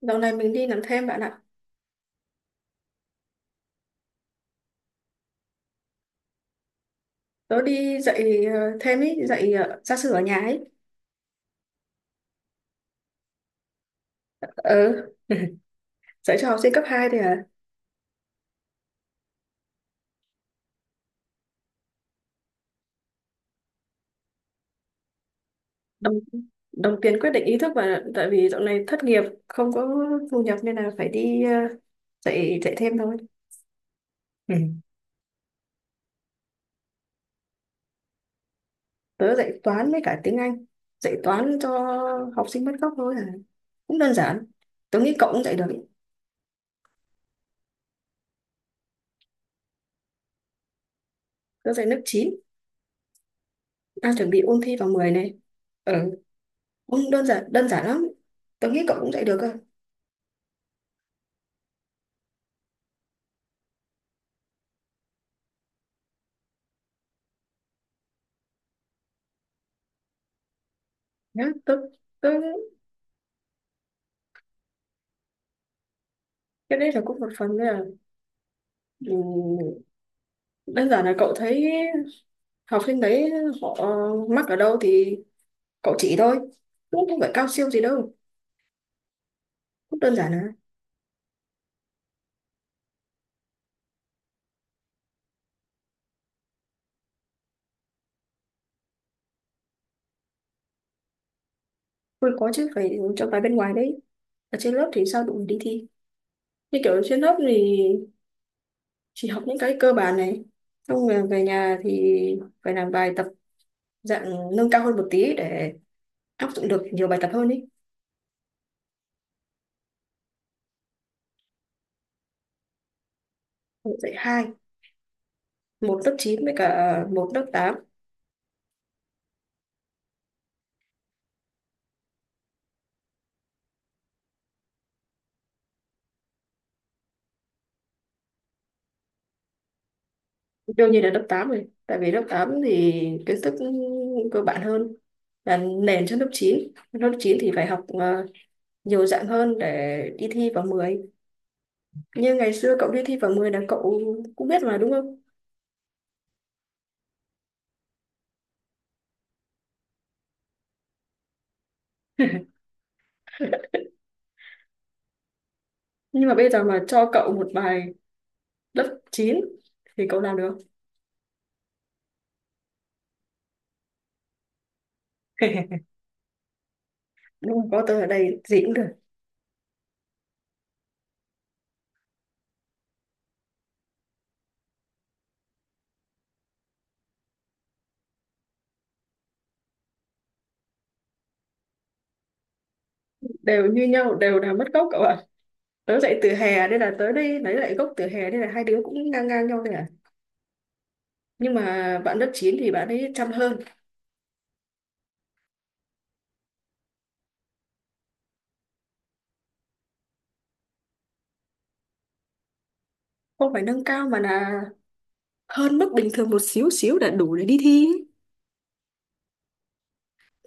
Dạo này mình đi làm thêm bạn ạ. Tớ đi dạy thêm ý, dạy gia sư ở nhà ấy. Ờ, dạy cho học sinh cấp 2 thì à, đồng, đồng tiền quyết định ý thức, và tại vì dạo này thất nghiệp không có thu nhập nên là phải đi dạy dạy thêm thôi. Ừ. Tớ dạy toán với cả tiếng Anh. Dạy toán cho học sinh mất gốc thôi à. Cũng đơn giản. Tớ nghĩ cậu cũng dạy được ý. Tớ dạy lớp 9, đang chuẩn bị ôn thi vào 10 này. Ừ, cũng đơn giản lắm. Tớ nghĩ cậu cũng dạy được cơ. Nhá, tớ tớ cái đấy là cũng một phần nữa. Ừ, đơn giản là cậu thấy học sinh đấy, họ mắc ở đâu thì cậu chỉ thôi, cũng không phải cao siêu gì đâu, cũng đơn giản là thôi. Có chứ, phải cho bài bên ngoài đấy, ở trên lớp thì sao đủ để đi thi. Như kiểu trên lớp thì chỉ học những cái cơ bản này, xong rồi về nhà thì phải làm bài tập dạng nâng cao hơn một tí để áp dụng được nhiều bài tập hơn ý. Dạy hai, một lớp 9 với cả một lớp 8. Đương nhiên là lớp 8 rồi, tại vì lớp 8 thì kiến thức cơ bản hơn, là nền cho lớp 9. Lớp 9 thì phải học nhiều dạng hơn để đi thi vào 10. Như ngày xưa cậu đi thi vào 10 là cậu cũng biết mà đúng không? Nhưng mà bây giờ mà cho cậu một bài lớp 9 thì cậu làm được không? Đúng rồi, có tớ ở đây gì cũng được. Đều như nhau, đều là mất gốc cậu ạ. Tớ dạy từ hè nên là tớ đi lấy lại gốc từ hè, nên là hai đứa cũng ngang ngang nhau thôi à. Nhưng mà bạn lớp 9 thì bạn ấy chăm hơn. Không phải nâng cao mà là hơn mức bình thường một xíu xíu đã đủ để đi thi ấy.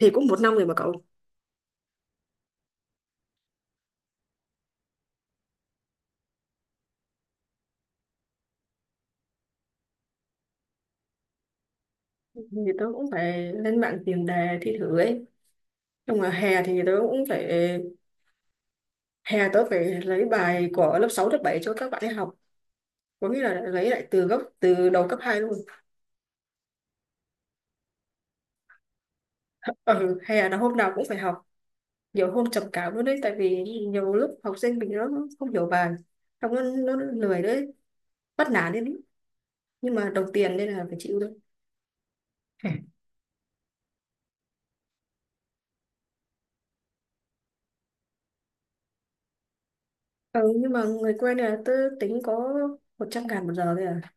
Thì cũng 1 năm rồi mà cậu. Thì tớ cũng phải lên mạng tìm đề thi thử ấy. Nhưng mà hè thì tớ cũng phải, hè tớ phải lấy bài của lớp 6 lớp 7 cho các bạn ấy học, có nghĩa là lấy lại từ gốc từ đầu cấp 2 luôn. Ừ, hè là hôm nào cũng phải học, nhiều hôm trầm cảm luôn đấy, tại vì nhiều lúc học sinh mình nó không hiểu bài, không, nó lười đấy, bắt nản đấy, nhưng mà đồng tiền nên là phải chịu thôi. Ừ, nhưng mà người quen này là tớ tính có 100.000 1 giờ thôi à.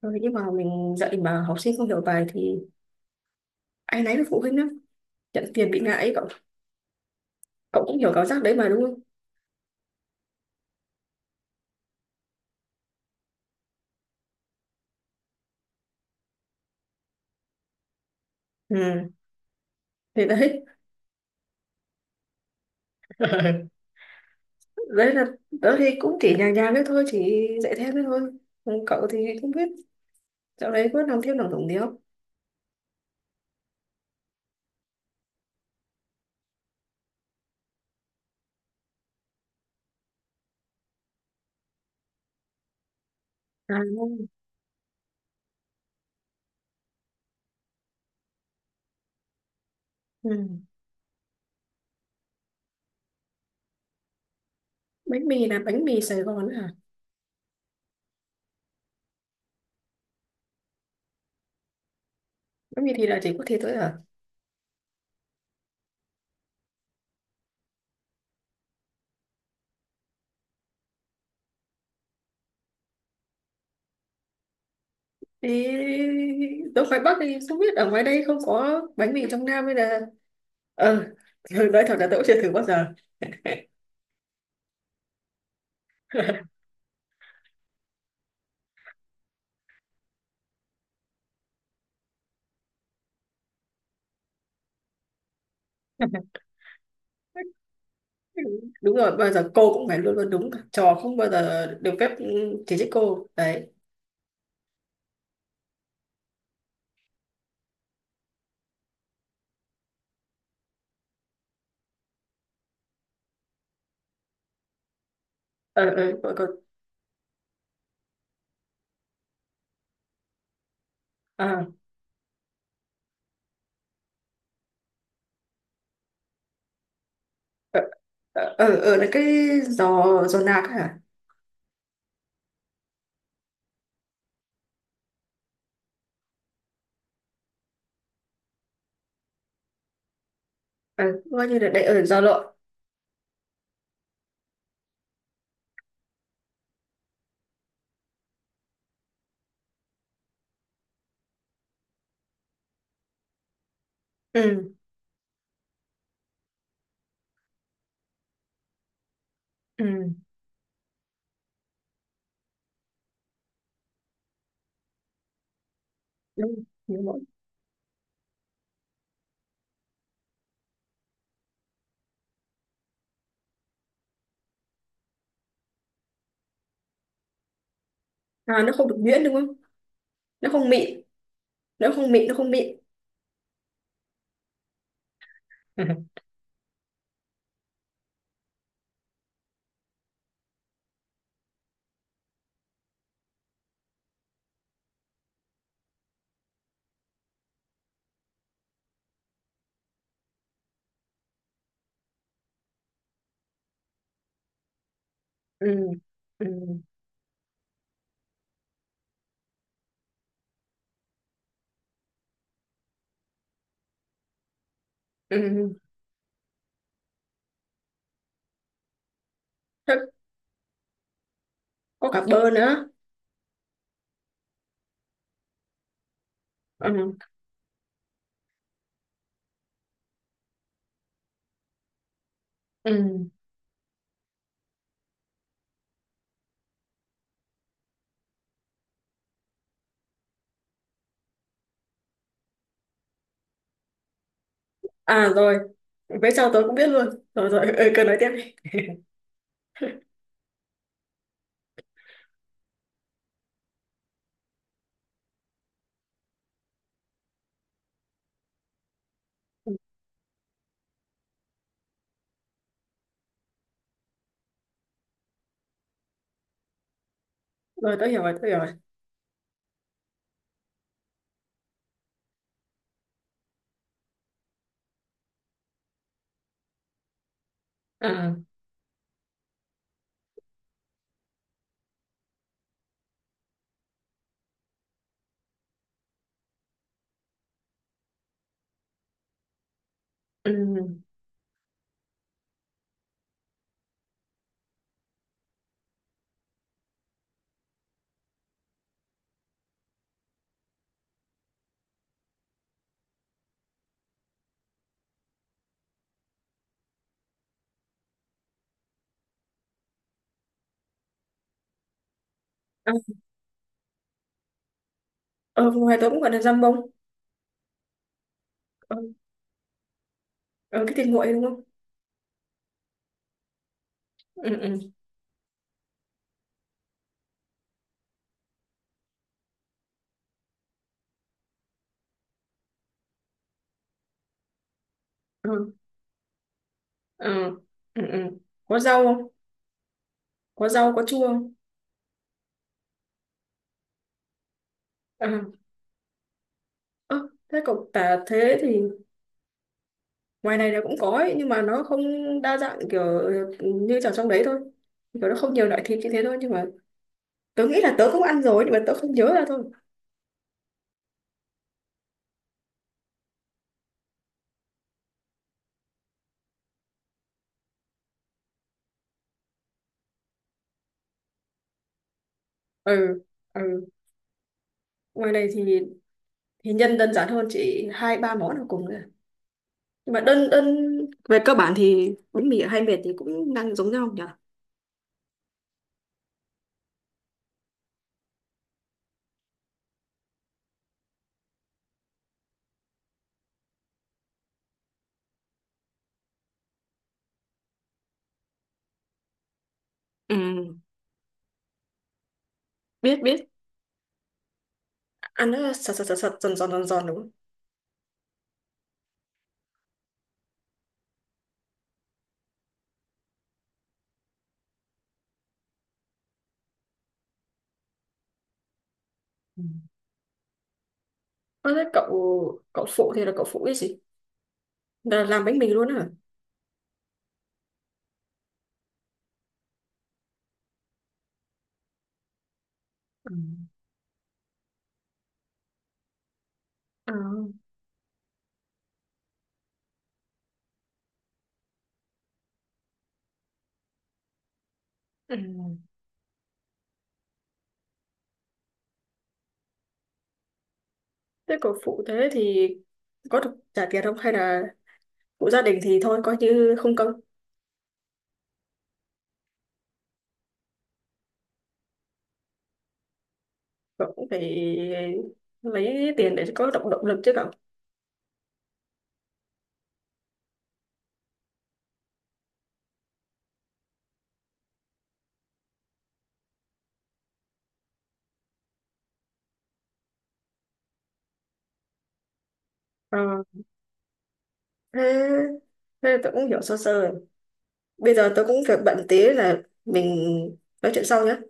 Ừ, nhưng mà mình dạy mà học sinh không hiểu bài thì ai nấy với phụ huynh lắm. Nhận tiền bị ngại ấy, cậu cũng hiểu cảm giác đấy mà đúng không? Ừ, thì đấy. Đấy là tớ thì cũng chỉ nhàng nhàng đấy thôi, chỉ dạy thêm đấy thôi. Ừ, cậu thì không biết, dạo đấy có làm thêm làm tổng gì không? À, không. Ừ. Bánh mì là bánh mì Sài Gòn hả? Bánh mì thì là chỉ có thế thôi hả? Thế tôi ngoài Bắc thì không biết ở ngoài đây không có bánh mì trong Nam hay là ờ nói thật là tôi cũng chưa thử bao giờ. Đúng rồi, bao giờ cô cũng phải luôn luôn đúng cả. Trò không bao giờ được phép chỉ trích cô đấy. Ờ ờ còn còn- À, ờ là cái giò giò nạc hả? ờ Coi như là đấy ở giò lộn. Ừ, ừ. Đúng đúng rồi. À, nó không được nhuyễn đúng không? Nó không mịn, nó không mịn, nó không mịn. Ừ, ừ, ừ. Thế có cả bơ nữa. Ừ. Ừ, à, rồi. Về sau tớ cũng biết luôn, rồi rồi ừ, cứ nói tiếp đi. Rồi tớ hiểu rồi, tớ hiểu rồi. À, ừ. À, ờ, ngoài tớ cũng gọi là dăm bông. ờ, ờ, cái thịt nguội đúng không? Ừ, ừ, ừ. Ừ, ừ, ừ, có rau không? Có rau, có chua không? À, ơ, thế cậu tả thế thì ngoài này là cũng có ấy, nhưng mà nó không đa dạng kiểu như ở trong đấy thôi. Kiểu nó không nhiều loại thịt như thế thôi nhưng mà tớ nghĩ là tớ cũng ăn rồi nhưng mà tớ không nhớ ra thôi. Ừ, ừ. Ngoài này thì nhân đơn giản hơn, chỉ hai ba món là cùng rồi. Nhưng mà đơn đơn về cơ bản thì bánh mì hay mệt thì cũng đang giống nhau nhỉ. Ừ, biết biết. Ăn nó sật sật sật sật giòn giòn giòn giòn đúng không? Ừ. Ơ, thế cậu cậu phụ thì là cậu phụ cái gì, là làm bánh mì luôn hả? Ừ. À. Ừ. Thế cậu phụ thế thì có được trả tiền không hay là phụ gia đình thì thôi coi như không công? Cậu cũng phải lấy tiền để có động động lực chứ cậu. Ờ. thế thế tôi cũng hiểu sơ sơ. Bây giờ tôi cũng việc bận tí là mình nói chuyện sau nhé.